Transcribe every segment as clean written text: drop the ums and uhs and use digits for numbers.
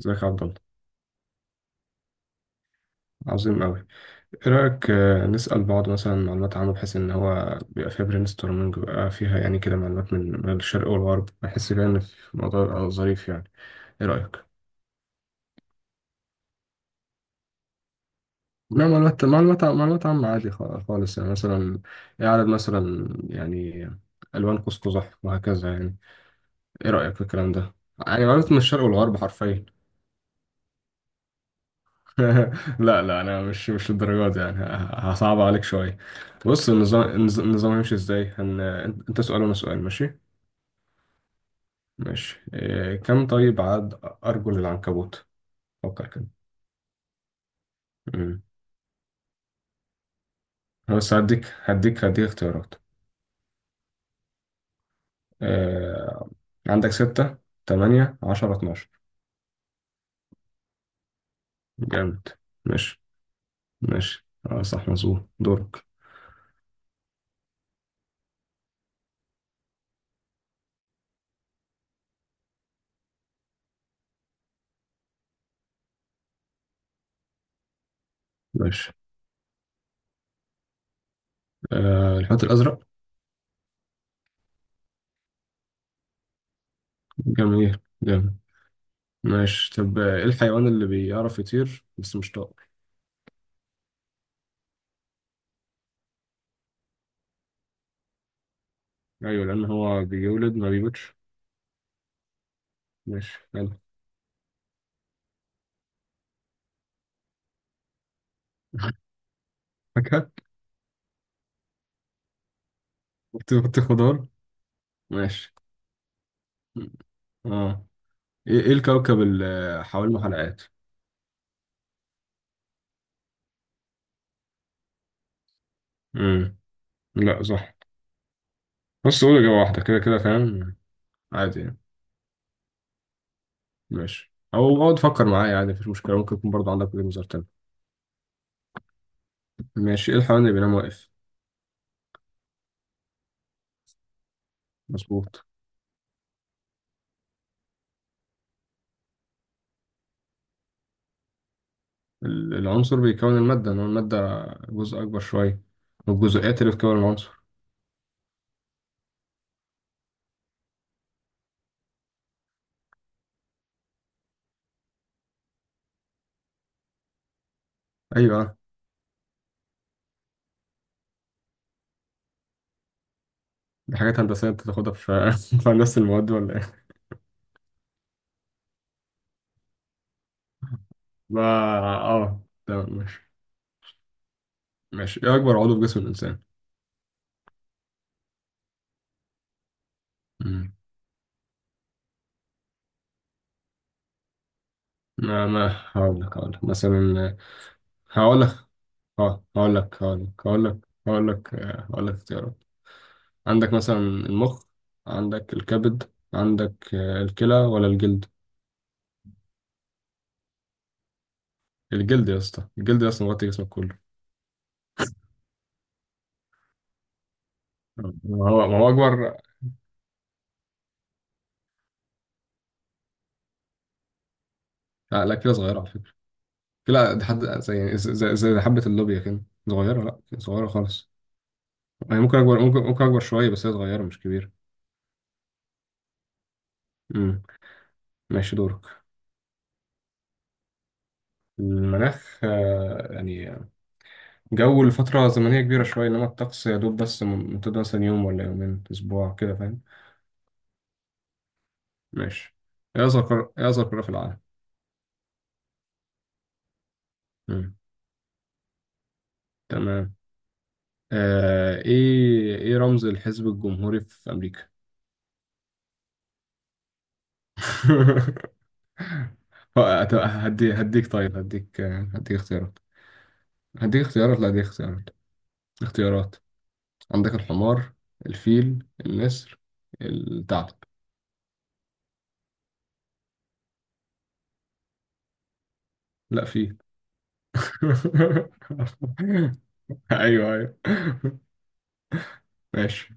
ازيك يا عبد الله؟ عظيم أوي. إيه رأيك، نسأل بعض مثلا معلومات عامة، بحيث إن هو بيبقى فيها برين ستورمنج، بيبقى فيها يعني كده معلومات من الشرق والغرب. بحس كده إن في موضوع يبقى ظريف يعني. إيه رأيك؟ لا، معلومات عامة عادي، خالص يعني. مثلا إيه عدد مثلا يعني ألوان قوس قزح وهكذا يعني. إيه رأيك في الكلام ده؟ يعني معلومات من الشرق والغرب حرفيا. لا لا، انا مش للدرجه دي يعني، هصعب عليك شويه. بص، النظام النظام هيمشي ازاي، هن... انت سؤال وانا سؤال، ماشي؟ ماشي، إيه... كم طيب عدد ارجل العنكبوت؟ فكر كده. مم. أنا بس هديك اختيارات. آه... عندك ستة، تمانية، 10، 12. جامد. ماشي. ماشي، صح، مظبوط، دورك. ماشي. الحوت الأزرق. جميل، جامد. ماشي طب، ايه الحيوان اللي بيعرف يطير بس مش طائر؟ ايوه، لان هو بيولد ما بيموتش. ماشي، حلو. فاكهة. خضار. ماشي، اه. ايه الكوكب اللي حوالينه حلقات؟ امم لا صح، بس قول اجابة واحدة كده، كده فاهم، عادي يعني. ماشي، او اقعد تفكر معايا عادي، مفيش مشكلة، ممكن يكون برضه عندك وجهة نظر تاني. ماشي، ايه الحيوان اللي بينام واقف؟ مظبوط. العنصر بيكون المادة، انما المادة جزء اكبر شوية، والجزيئات اللي بتكون العنصر. ايوه، دي حاجات هندسية انت تاخدها في في هندسة المواد ولا إيه؟ ما، اه، تمام. ماشي. ماشي، ايه اكبر عضو في جسم الانسان؟ مم. ما هقول لك مثلا. هقول لك اه هقول لك هقول لك هقول لك هقول لك اختيارات. عندك مثلا المخ، عندك الكبد، عندك الكلى، ولا الجلد؟ الجلد يا اسطى، الجلد يا اسطى، مغطي جسمك كله. ما هو، ما هو اكبر. لا لا، كده صغيره على فكره. كده دي حد زي يعني زي حبه اللوبيا كده. صغيره، لا صغيره خالص. يعني ممكن اكبر، ممكن اكبر شويه، بس هي صغيره مش كبيره. امم ماشي، دورك. المناخ يعني جو لفترة زمنية كبيرة شوية، إنما الطقس يا دوب بس ممتد مثلا يوم ولا يومين، أسبوع كده فاهم. ماشي. إيه أصغر قارة في العالم؟ مم. تمام. إيه رمز الحزب الجمهوري في أمريكا؟ طب هديك، طيب هديك، هديك اختيارات. هديك اختيارات، لا هديك اختيارات. عندك الحمار، الفيل، النسر، الثعلب. لا، فيل. ايوه، ايوه. ماشي.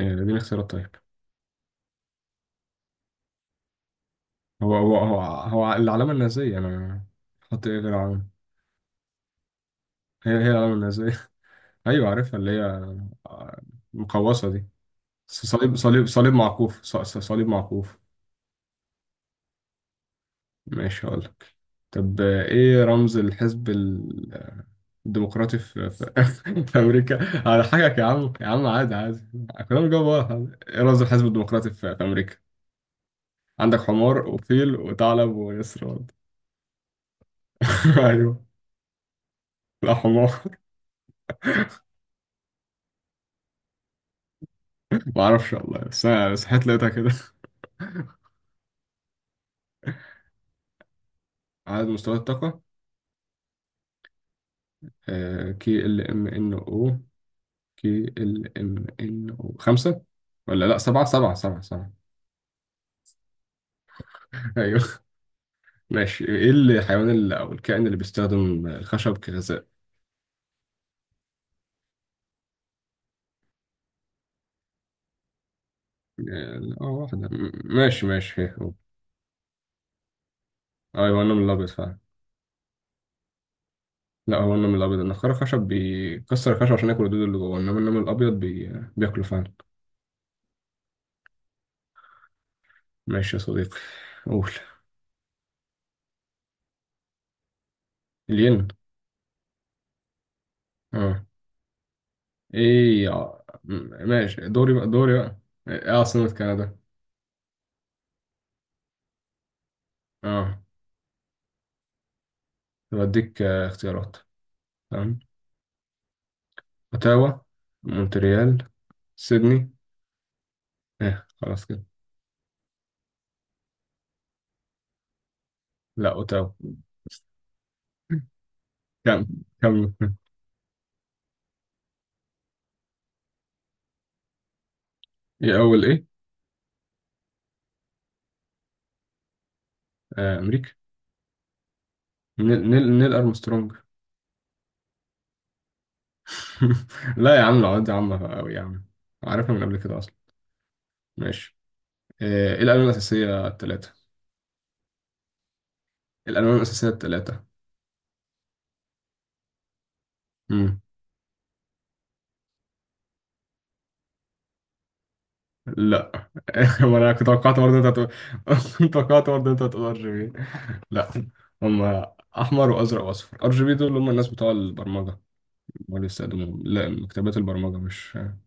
دي الاختيارات؟ طيب، هو العلامة النازية. انا حط ايه غير العلامة؟ هي العلامة النازية. ايوه عارفها، اللي هي آه، المقوسة دي. صليب معكوف. ماشي. هقول لك طب، ايه رمز الحزب الديمقراطي في امريكا على حاجة، يا عم يا عم، عادي عادي، كلام جواب واحد. ايه رمز الحزب الديمقراطي في امريكا؟ عندك حمار وفيل وثعلب ويسرى. ايوه، لا حمار. ما اعرفش والله، بس انا صحيت لقيتها كده. عدد مستويات الطاقة كي ال ام ان او KLMNO، خمسة، ولا لا سبعة، سبعة، سبعة، سبعة. ايوه. ماشي، ايه الحيوان اللي او الكائن اللي بيستخدم الخشب كغذاء؟ لا واحدة، ماشي. ماشي، هي هو. ايوه النمل الابيض فعلا. لا، هو النمل الابيض، النخاع الخشب بيكسر الخشب عشان ياكل الدود اللي جوه، انما النمل الابيض بي... بياكله فعلا. ماشي يا صديقي. قول. الين. اه، ماشي، دوري بقى، دوري بقى. ايه عاصمة كندا؟ اه، بديك اختيارات. تمام. اوتاوا، مونتريال، سيدني، ايه، خلاص كده. لا، اوتاوا. كم كم. ايه اول ايه آه امريكا. نيل ارمسترونج. لا يا عم، العواد دي عامة قوي يا عم، عارفها من قبل كده اصلا. ماشي. ايه الالوان الاساسية الثلاثة؟ الالوان الاساسية الثلاثة. لا. ما انا كنت توقعت برضه انت هتقول. كنت توقعت برضه انت هتقول RGB. لا، هم احمر وازرق واصفر. RGB دول هم الناس بتوع البرمجه، هم اللي بيستخدموهم، لا مكتبات البرمجه، مش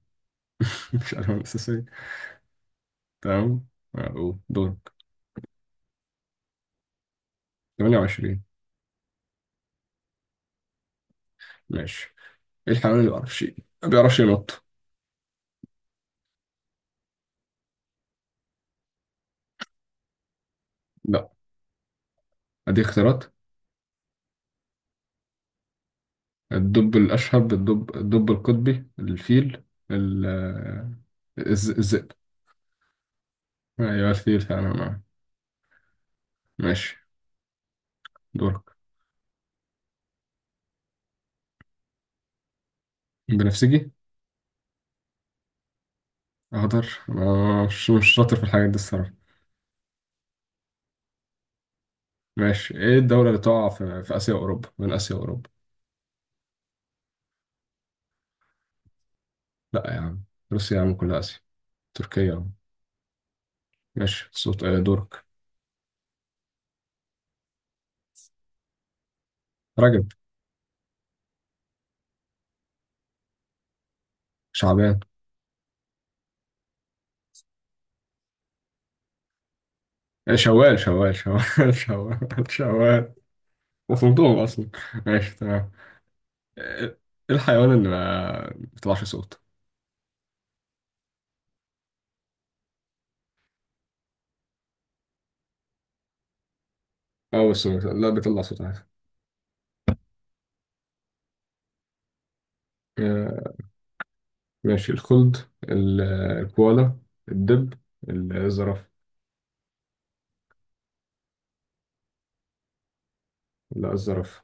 مش الوان اساسيه. تمام. أقول دورك. 28. ماشي، ايه الحيوان اللي ما بيعرفش ينط؟ لا، ادي اختيارات. الدب الاشهب، الدب القطبي، الفيل، ال الذئب. ايوه الفيل فعلا. ماشي، دورك. بنفسجي. أقدر، مش شاطر في الحاجات دي الصراحة. ماشي، إيه الدولة اللي تقع في آسيا وأوروبا، من آسيا وأوروبا؟ لا يا عم، روسيا يا عم كلها آسيا، تركيا يا عم. ماشي، صوت، دورك. رجب. شعبان. إيه، شوال، شوال، شوال، شوال، شوال، وصلتهم أصلا. ماشي، تمام. إيه الحيوان اللي ما بيطلعش صوت؟ أو بس، لا بيطلع صوت عادي. آه، ماشي، الخلد، ال- الكوالا، الدب، الزرافة. لا، الزرافة.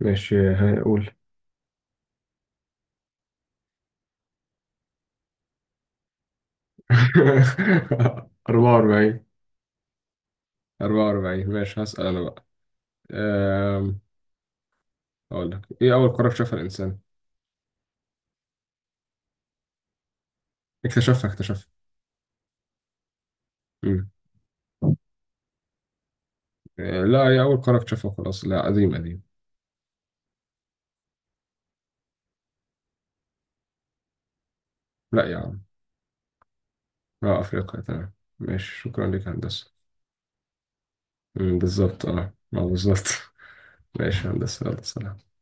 ماشي هقول. 44. 44، ماشي هسأل أنا بقى. أم، أقول لك، إيه أول قارة اكتشفها الإنسان؟ اكتشفها. مم. لا هي أول قارة اكتشفها خلاص. لا قديم، قديم. لا يا عم، لا أفريقيا. تمام. ماشي، شكرا لك يا هندسة. بالظبط. أه، ما بالظبط. ماشي يا هندسة، يلا سلام.